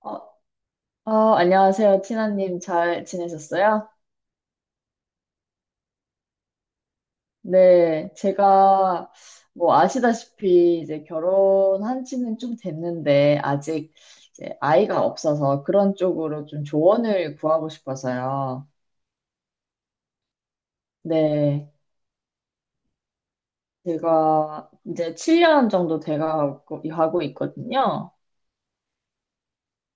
어, 안녕하세요, 티나님. 잘 지내셨어요? 네, 제가 뭐 아시다시피 이제 결혼한 지는 좀 됐는데 아직 이제 아이가 없어서 그런 쪽으로 좀 조언을 구하고 싶어서요. 네, 제가 이제 7년 정도 돼가고 하고 있거든요.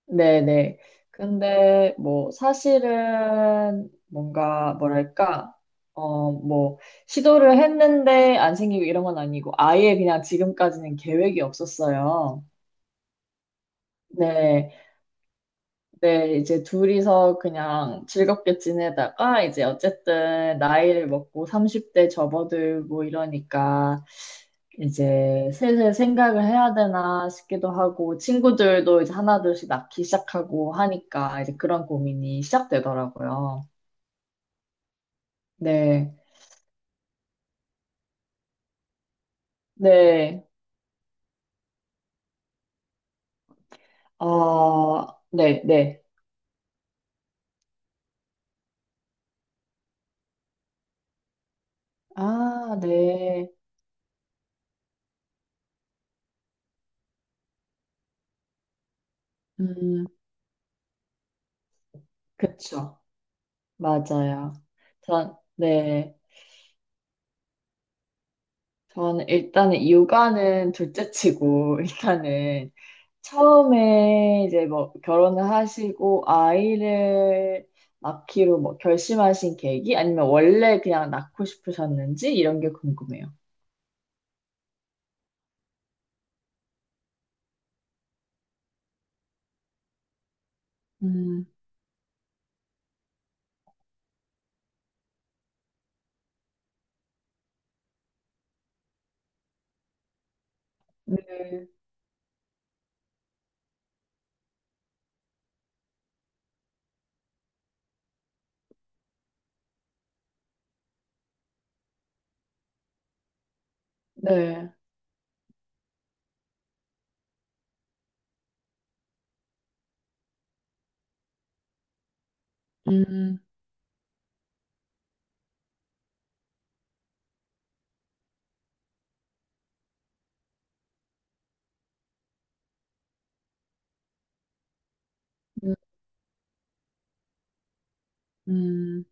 네네. 근데 뭐 사실은 뭔가 뭐랄까, 어, 뭐 시도를 했는데 안 생기고 이런 건 아니고 아예 그냥 지금까지는 계획이 없었어요. 네. 네, 이제 둘이서 그냥 즐겁게 지내다가 이제 어쨌든 나이를 먹고 30대 접어들고 이러니까 이제 슬슬 생각을 해야 되나 싶기도 하고 친구들도 이제 하나둘씩 낳기 시작하고 하니까 이제 그런 고민이 시작되더라고요. 네, 네, 어, 네, 네. 아, 네. 음, 그쵸. 맞아요. 전, 네. 저는 일단은 육아는 둘째 치고, 일단은 처음에 이제 뭐 결혼을 하시고 아이를 낳기로 뭐 결심하신 계기? 아니면 원래 그냥 낳고 싶으셨는지? 이런 게 궁금해요. 음, 네. 네. 음, 음, 음,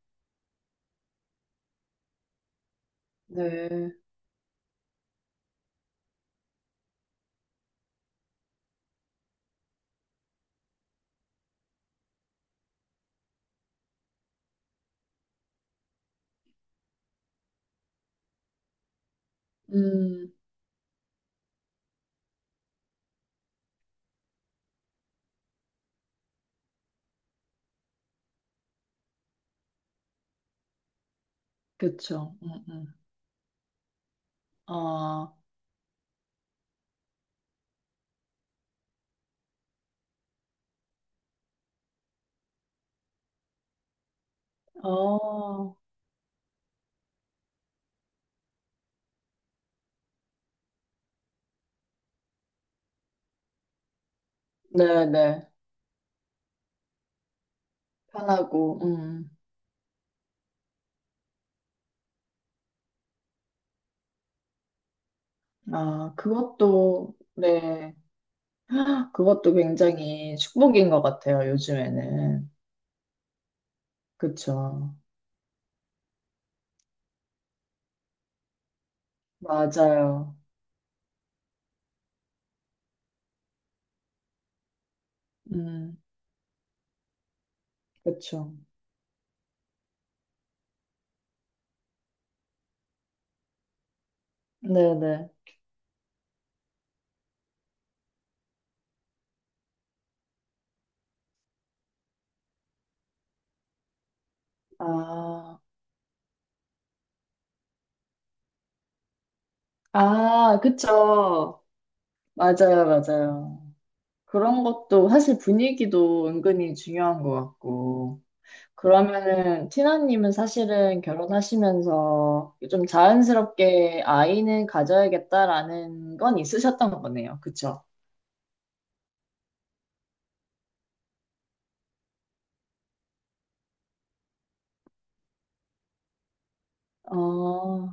네. 음, 그쵸. 아, 어, 네네. 편하고, 아, 그것도, 네. 그것도 굉장히 축복인 것 같아요, 요즘에는. 그쵸. 맞아요. 음, 그쵸. 네네. 아, 아, 그쵸. 맞아요, 맞아요. 그런 것도 사실 분위기도 은근히 중요한 것 같고. 그러면은, 티나님은 사실은 결혼하시면서 좀 자연스럽게 아이는 가져야겠다라는 건 있으셨던 거네요. 그쵸? 어,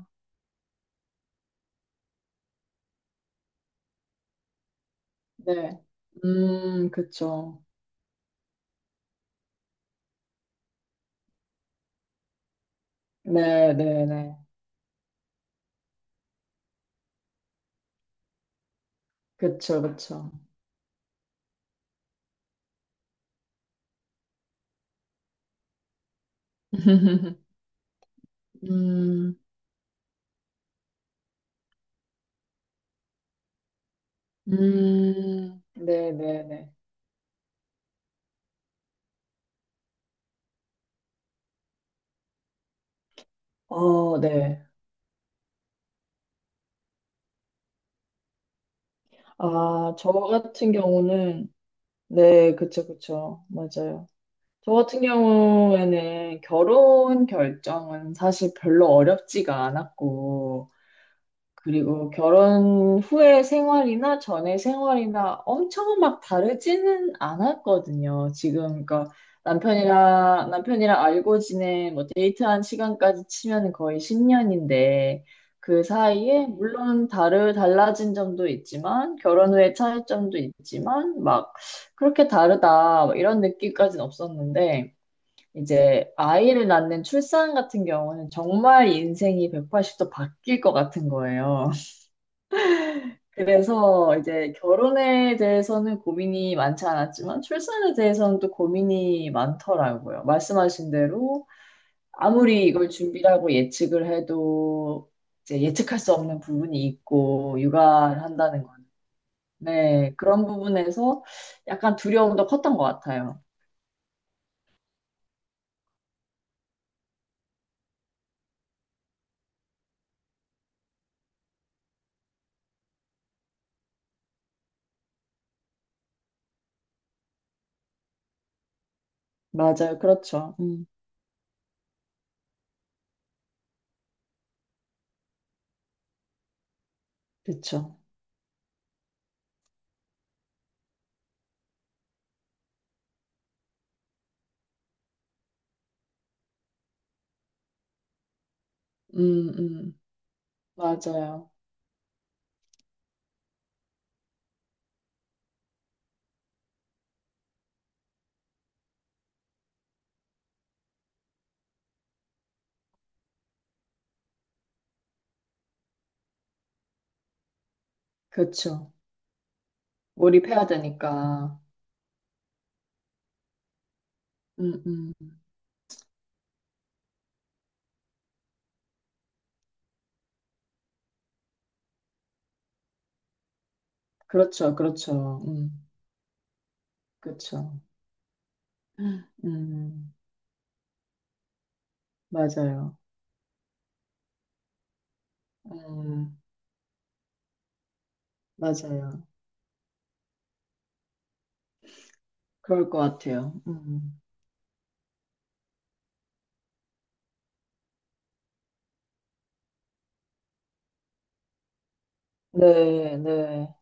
네. 그쵸. 네, 네, 네. 그쵸, 그쵸. 음, 네, 네, 네. 어, 네. 아, 저 같은 경우는, 네, 그쵸, 그쵸. 맞아요. 저 같은 경우에는 결혼 결정은 사실 별로 어렵지가 않았고, 그리고 결혼 후의 생활이나 전의 생활이나 엄청 막 다르지는 않았거든요. 지금 그러니까 남편이랑 알고 지낸 뭐 데이트한 시간까지 치면 거의 10년인데 그 사이에 물론 다르 달라진 점도 있지만 결혼 후의 차이점도 있지만 막 그렇게 다르다 막 이런 느낌까지는 없었는데 이제 아이를 낳는 출산 같은 경우는 정말 인생이 180도 바뀔 것 같은 거예요. 그래서 이제 결혼에 대해서는 고민이 많지 않았지만 출산에 대해서는 또 고민이 많더라고요. 말씀하신 대로 아무리 이걸 준비하고 예측을 해도 이제 예측할 수 없는 부분이 있고 육아를 한다는 건. 네, 그런 부분에서 약간 두려움도 컸던 것 같아요. 맞아요. 그렇죠. 그렇죠. 음, 음, 맞아요. 그렇죠. 몰입해야 되니까. 음, 음, 그렇죠. 그렇죠. 그렇죠. 음, 맞아요. 음, 맞아요. 그럴 것 같아요. 음. 네, 네.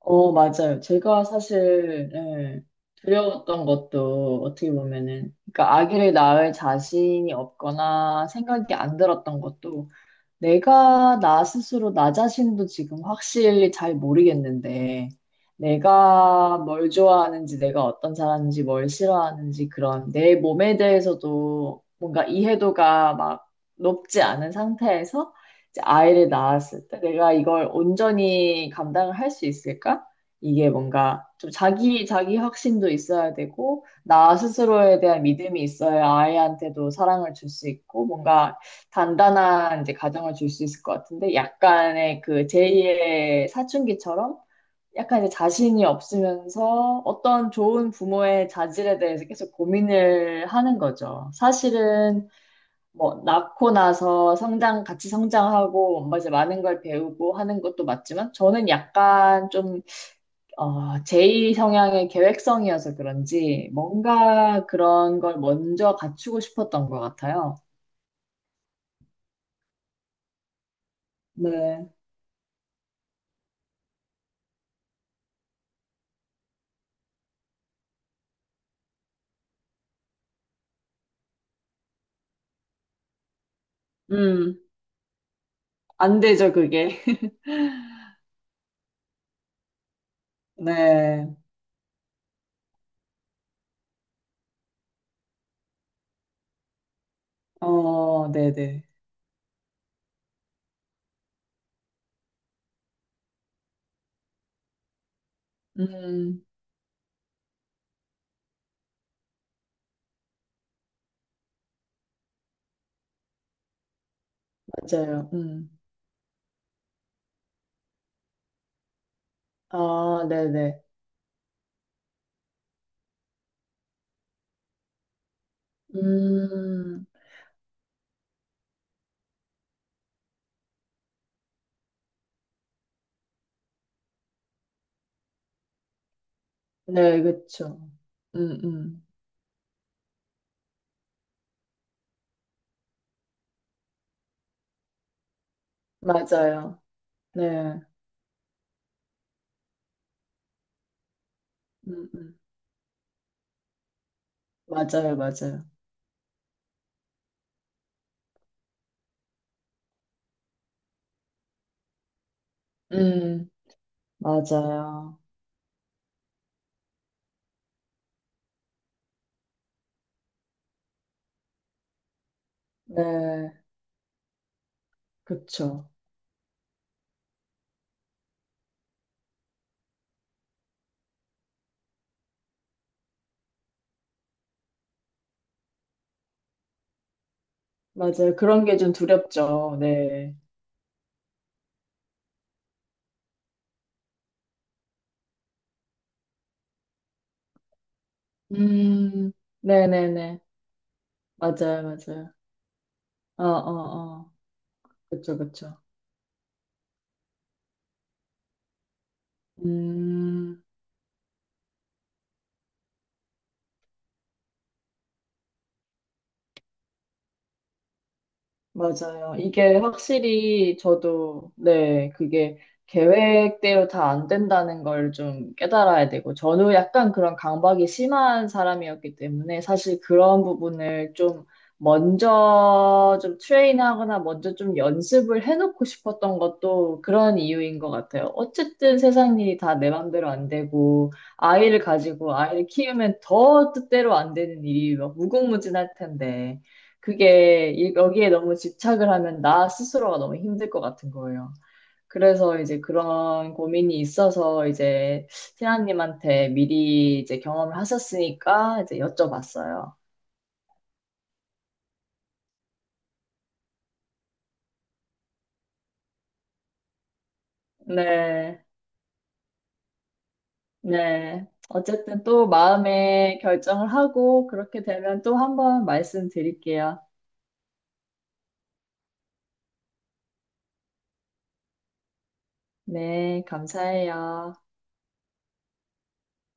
어, 맞아요. 제가 사실, 예, 두려웠던 것도 어떻게 보면은, 그러니까 아기를 낳을 자신이 없거나 생각이 안 들었던 것도 내가 나 스스로 나 자신도 지금 확실히 잘 모르겠는데, 내가 뭘 좋아하는지, 내가 어떤 사람인지, 뭘 싫어하는지, 그런 내 몸에 대해서도 뭔가 이해도가 막 높지 않은 상태에서 이제 아이를 낳았을 때 내가 이걸 온전히 감당을 할 수 있을까? 이게 뭔가 좀 자기 확신도 있어야 되고, 나 스스로에 대한 믿음이 있어야 아이한테도 사랑을 줄 수 있고, 뭔가 단단한 이제 가정을 줄 수 있을 것 같은데 약간의 그 제이의 사춘기처럼 약간 이제 자신이 없으면서 어떤 좋은 부모의 자질에 대해서 계속 고민을 하는 거죠. 사실은 뭐 낳고 나서 성장 같이 성장하고 뭔가 이제 많은 걸 배우고 하는 것도 맞지만 저는 약간 좀 제이 성향의 계획성이어서 그런지 뭔가 그런 걸 먼저 갖추고 싶었던 것 같아요. 네. 음. 안 되죠, 그게. 네. 어, 네네. 음, 맞아요. 음. 아, 네네. 음, 네, 그쵸. 음, 음. 맞아요. 네. 음, 음. 맞아요, 맞아요. 음, 맞아요. 네, 그쵸. 맞아요. 그런 게 좀 두렵죠. 네. 음, 네네네. 맞아요, 맞아요. 어, 어, 어. 그쵸, 그쵸. 음. 맞아요. 이게 확실히 저도, 네, 그게 계획대로 다 안 된다는 걸 좀 깨달아야 되고, 저는 약간 그런 강박이 심한 사람이었기 때문에 사실 그런 부분을 좀 먼저 좀 트레인하거나 먼저 좀 연습을 해놓고 싶었던 것도 그런 이유인 것 같아요. 어쨌든 세상 일이 다 내 맘대로 안 되고, 아이를 가지고 아이를 키우면 더 뜻대로 안 되는 일이 막 무궁무진할 텐데. 그게 여기에 너무 집착을 하면 나 스스로가 너무 힘들 것 같은 거예요. 그래서 이제 그런 고민이 있어서 이제 티나님한테 미리 이제 경험을 하셨으니까 이제 여쭤봤어요. 네, 네. 어쨌든 또 마음의 결정을 하고 그렇게 되면 또 한번 말씀드릴게요. 네, 감사해요.